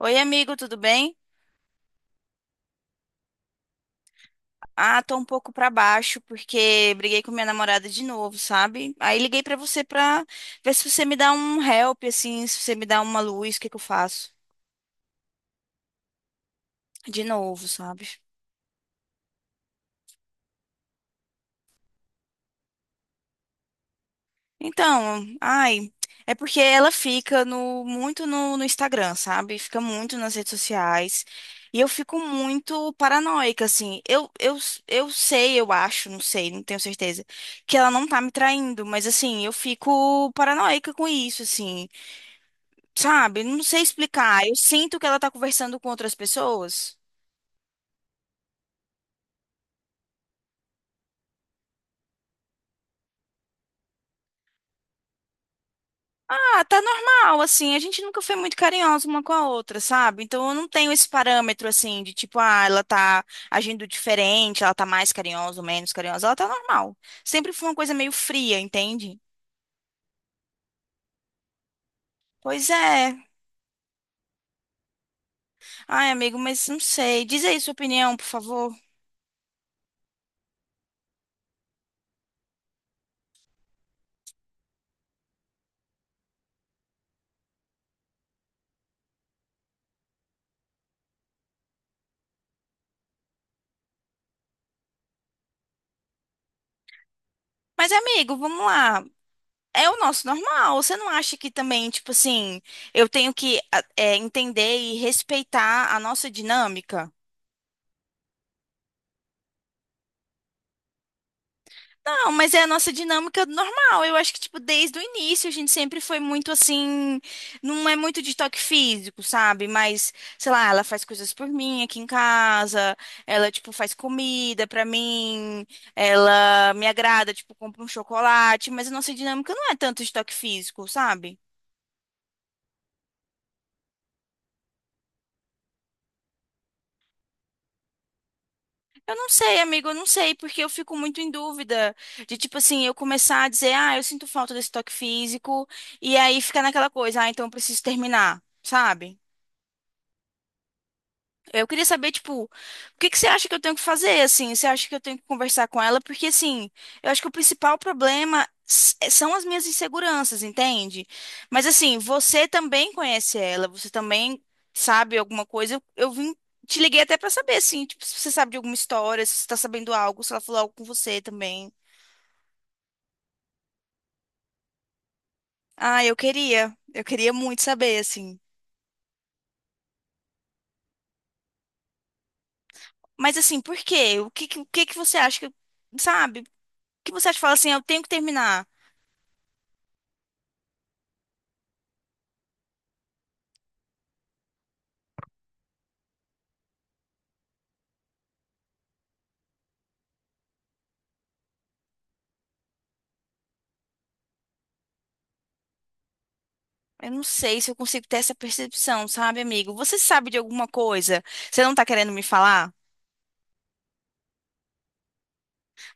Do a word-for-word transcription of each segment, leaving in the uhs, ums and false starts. Oi, amigo, tudo bem? Ah, tô um pouco pra baixo porque briguei com minha namorada de novo, sabe? Aí liguei pra você pra ver se você me dá um help, assim, se você me dá uma luz, o que que eu faço? De novo, sabe? Então, ai, é porque ela fica no, muito no, no Instagram, sabe? Fica muito nas redes sociais. E eu fico muito paranoica, assim. Eu, eu, eu sei, eu acho, não sei, não tenho certeza, que ela não tá me traindo, mas assim, eu fico paranoica com isso, assim. Sabe? Não sei explicar. Eu sinto que ela tá conversando com outras pessoas. Ah, tá normal, assim. A gente nunca foi muito carinhosa uma com a outra, sabe? Então eu não tenho esse parâmetro, assim, de tipo, ah, ela tá agindo diferente, ela tá mais carinhosa ou menos carinhosa. Ela tá normal. Sempre foi uma coisa meio fria, entende? Pois é. Ai, amigo, mas não sei. Diz aí sua opinião, por favor. Mas, amigo, vamos lá. É o nosso normal. Você não acha que também, tipo assim, eu tenho que a- é, entender e respeitar a nossa dinâmica? Não, mas é a nossa dinâmica normal. Eu acho que, tipo, desde o início a gente sempre foi muito assim. Não é muito de toque físico, sabe? Mas, sei lá, ela faz coisas por mim aqui em casa. Ela, tipo, faz comida pra mim. Ela me agrada, tipo, compra um chocolate. Mas a nossa dinâmica não é tanto de toque físico, sabe? Eu não sei, amigo, eu não sei, porque eu fico muito em dúvida de, tipo assim, eu começar a dizer, ah, eu sinto falta desse toque físico, e aí fica naquela coisa, ah, então eu preciso terminar, sabe? Eu queria saber, tipo, o que que você acha que eu tenho que fazer, assim? Você acha que eu tenho que conversar com ela? Porque, assim, eu acho que o principal problema s- é- são as minhas inseguranças, entende? Mas, assim, você também conhece ela, você também sabe alguma coisa. Eu, eu vim, te liguei até pra saber, assim, tipo, se você sabe de alguma história, se você tá sabendo algo, se ela falou algo com você também. Ah, eu queria, eu queria muito saber, assim. Mas, assim, por quê? O que que, o que que você acha que, eu- sabe? O que você acha que fala assim, "Ah, eu tenho que terminar? Eu não sei se eu consigo ter essa percepção, sabe, amigo? Você sabe de alguma coisa? Você não tá querendo me falar?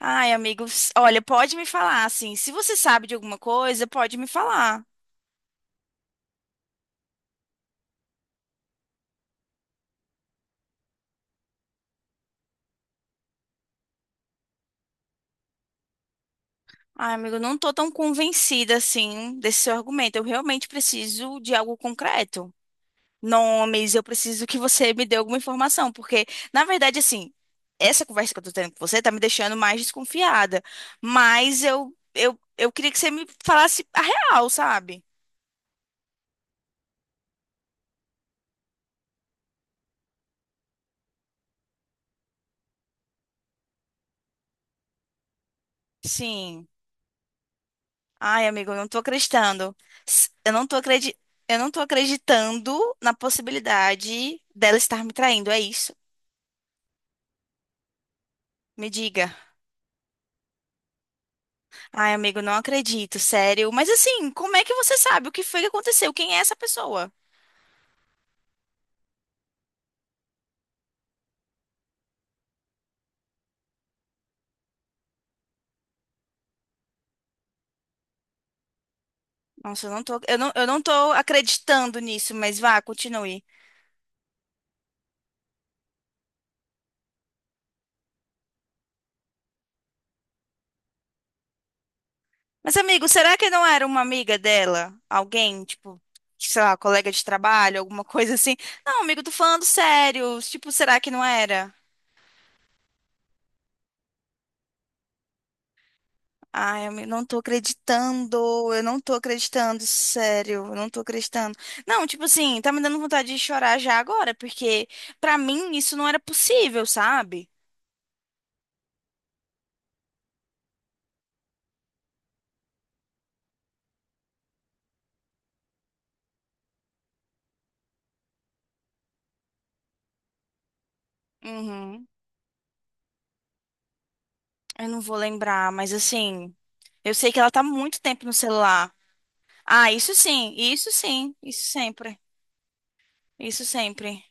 Ai, amigo, s- olha, pode me falar, assim. Se você sabe de alguma coisa, pode me falar. Ai, amigo, eu não tô tão convencida, assim, desse seu argumento. Eu realmente preciso de algo concreto. Nomes, eu preciso que você me dê alguma informação, porque, na verdade, assim, essa conversa que eu tô tendo com você tá me deixando mais desconfiada. Mas eu, eu, eu queria que você me falasse a real, sabe? Sim. Ai, amigo, eu não tô acreditando. S- Eu não tô acredi... eu não tô acreditando na possibilidade dela estar me traindo, é isso? Me diga. Ai, amigo, não acredito, sério. Mas assim, como é que você sabe o que foi que aconteceu? Quem é essa pessoa? Nossa, eu não tô, eu não, eu não tô acreditando nisso, mas vá, continue. Mas, amigo, será que não era uma amiga dela? Alguém, tipo, sei lá, colega de trabalho, alguma coisa assim? Não, amigo, tô falando sério. Tipo, será que não era? Ai, eu me- não tô acreditando, eu não tô acreditando, sério, eu não tô acreditando. Não, tipo assim, tá me dando vontade de chorar já agora, porque pra mim isso não era possível, sabe? Uhum. Eu não vou lembrar, mas assim, eu sei que ela tá muito tempo no celular. Ah, isso sim, isso sim, isso sempre, isso sempre.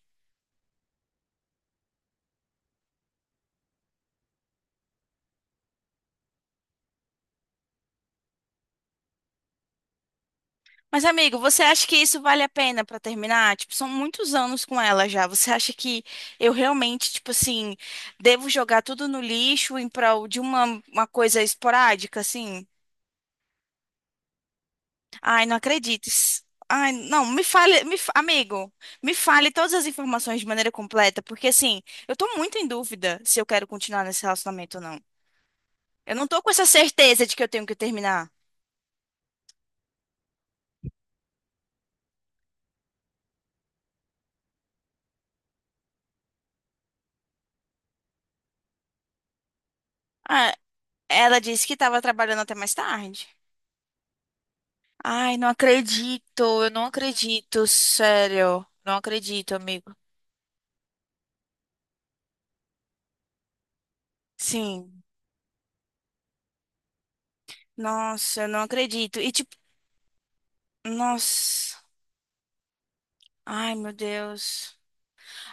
Mas, amigo, você acha que isso vale a pena pra terminar? Tipo, são muitos anos com ela já. Você acha que eu realmente, tipo assim, devo jogar tudo no lixo em prol de uma, uma coisa esporádica, assim? Ai, não acredito. Isso- Ai, não, me fale, me, fa- amigo, me fale todas as informações de maneira completa, porque assim, eu tô muito em dúvida se eu quero continuar nesse relacionamento ou não. Eu não tô com essa certeza de que eu tenho que terminar. Ah, ela disse que tava trabalhando até mais tarde. Ai, não acredito, eu não acredito, sério. Não acredito, amigo. Sim. Nossa, eu não acredito. E tipo, nossa. Ai, meu Deus.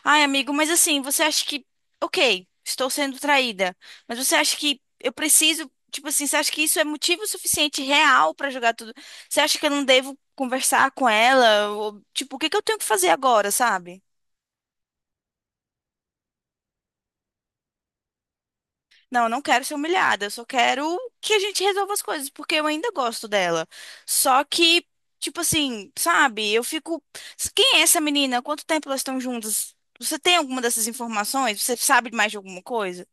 Ai, amigo, mas assim, você acha que. Ok, estou sendo traída. Mas você acha que eu preciso. Tipo assim, você acha que isso é motivo suficiente real pra jogar tudo? Você acha que eu não devo conversar com ela? Ou, tipo, o que que eu tenho que fazer agora, sabe? Não, eu não quero ser humilhada, eu só quero que a gente resolva as coisas, porque eu ainda gosto dela. Só que, tipo assim, sabe, eu fico. Quem é essa menina? Quanto tempo elas estão juntas? Você tem alguma dessas informações? Você sabe mais de alguma coisa?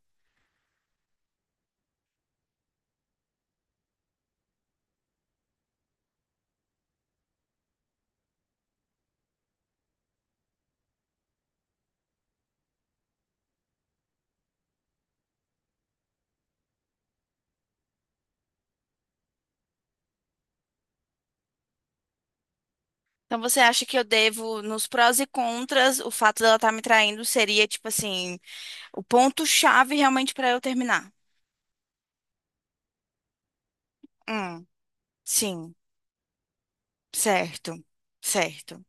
Então você acha que eu devo, nos prós e contras, o fato dela estar me traindo seria, tipo assim, o ponto-chave realmente para eu terminar? Hum, sim, certo, certo.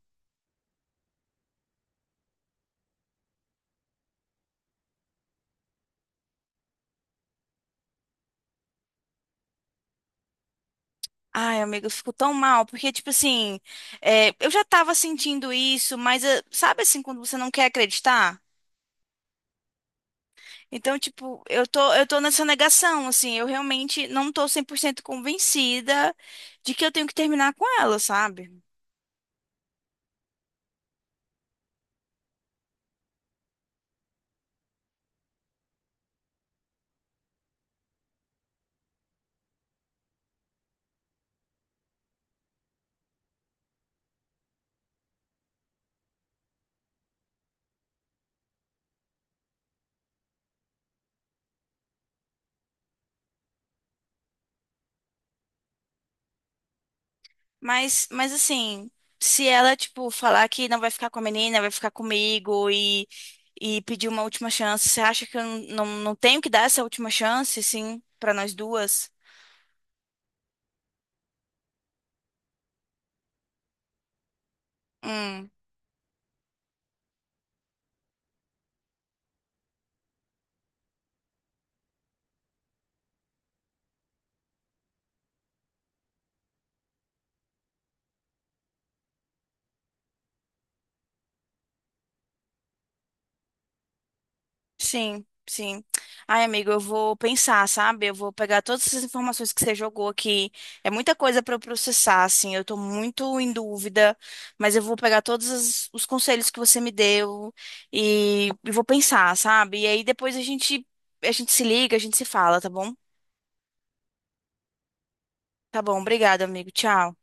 Ai, amiga, eu fico tão mal, porque, tipo assim, é, eu já tava sentindo isso, mas é, sabe assim, quando você não quer acreditar? Então, tipo, eu tô, eu tô nessa negação, assim, eu realmente não tô cem por cento convencida de que eu tenho que terminar com ela, sabe? Mas, mas assim, se ela, tipo, falar que não vai ficar com a menina, vai ficar comigo e, e pedir uma última chance, você acha que eu não, não, não tenho que dar essa última chance, assim, pra nós duas? Hum. Sim, sim. Ai, amigo, eu vou pensar, sabe? Eu vou pegar todas essas informações que você jogou aqui. É muita coisa para eu processar, assim. Eu tô muito em dúvida, mas eu vou pegar todos os, os conselhos que você me deu e, e vou pensar, sabe? E aí depois a gente a gente se liga, a gente se fala, tá bom? Tá bom, obrigada, amigo. Tchau.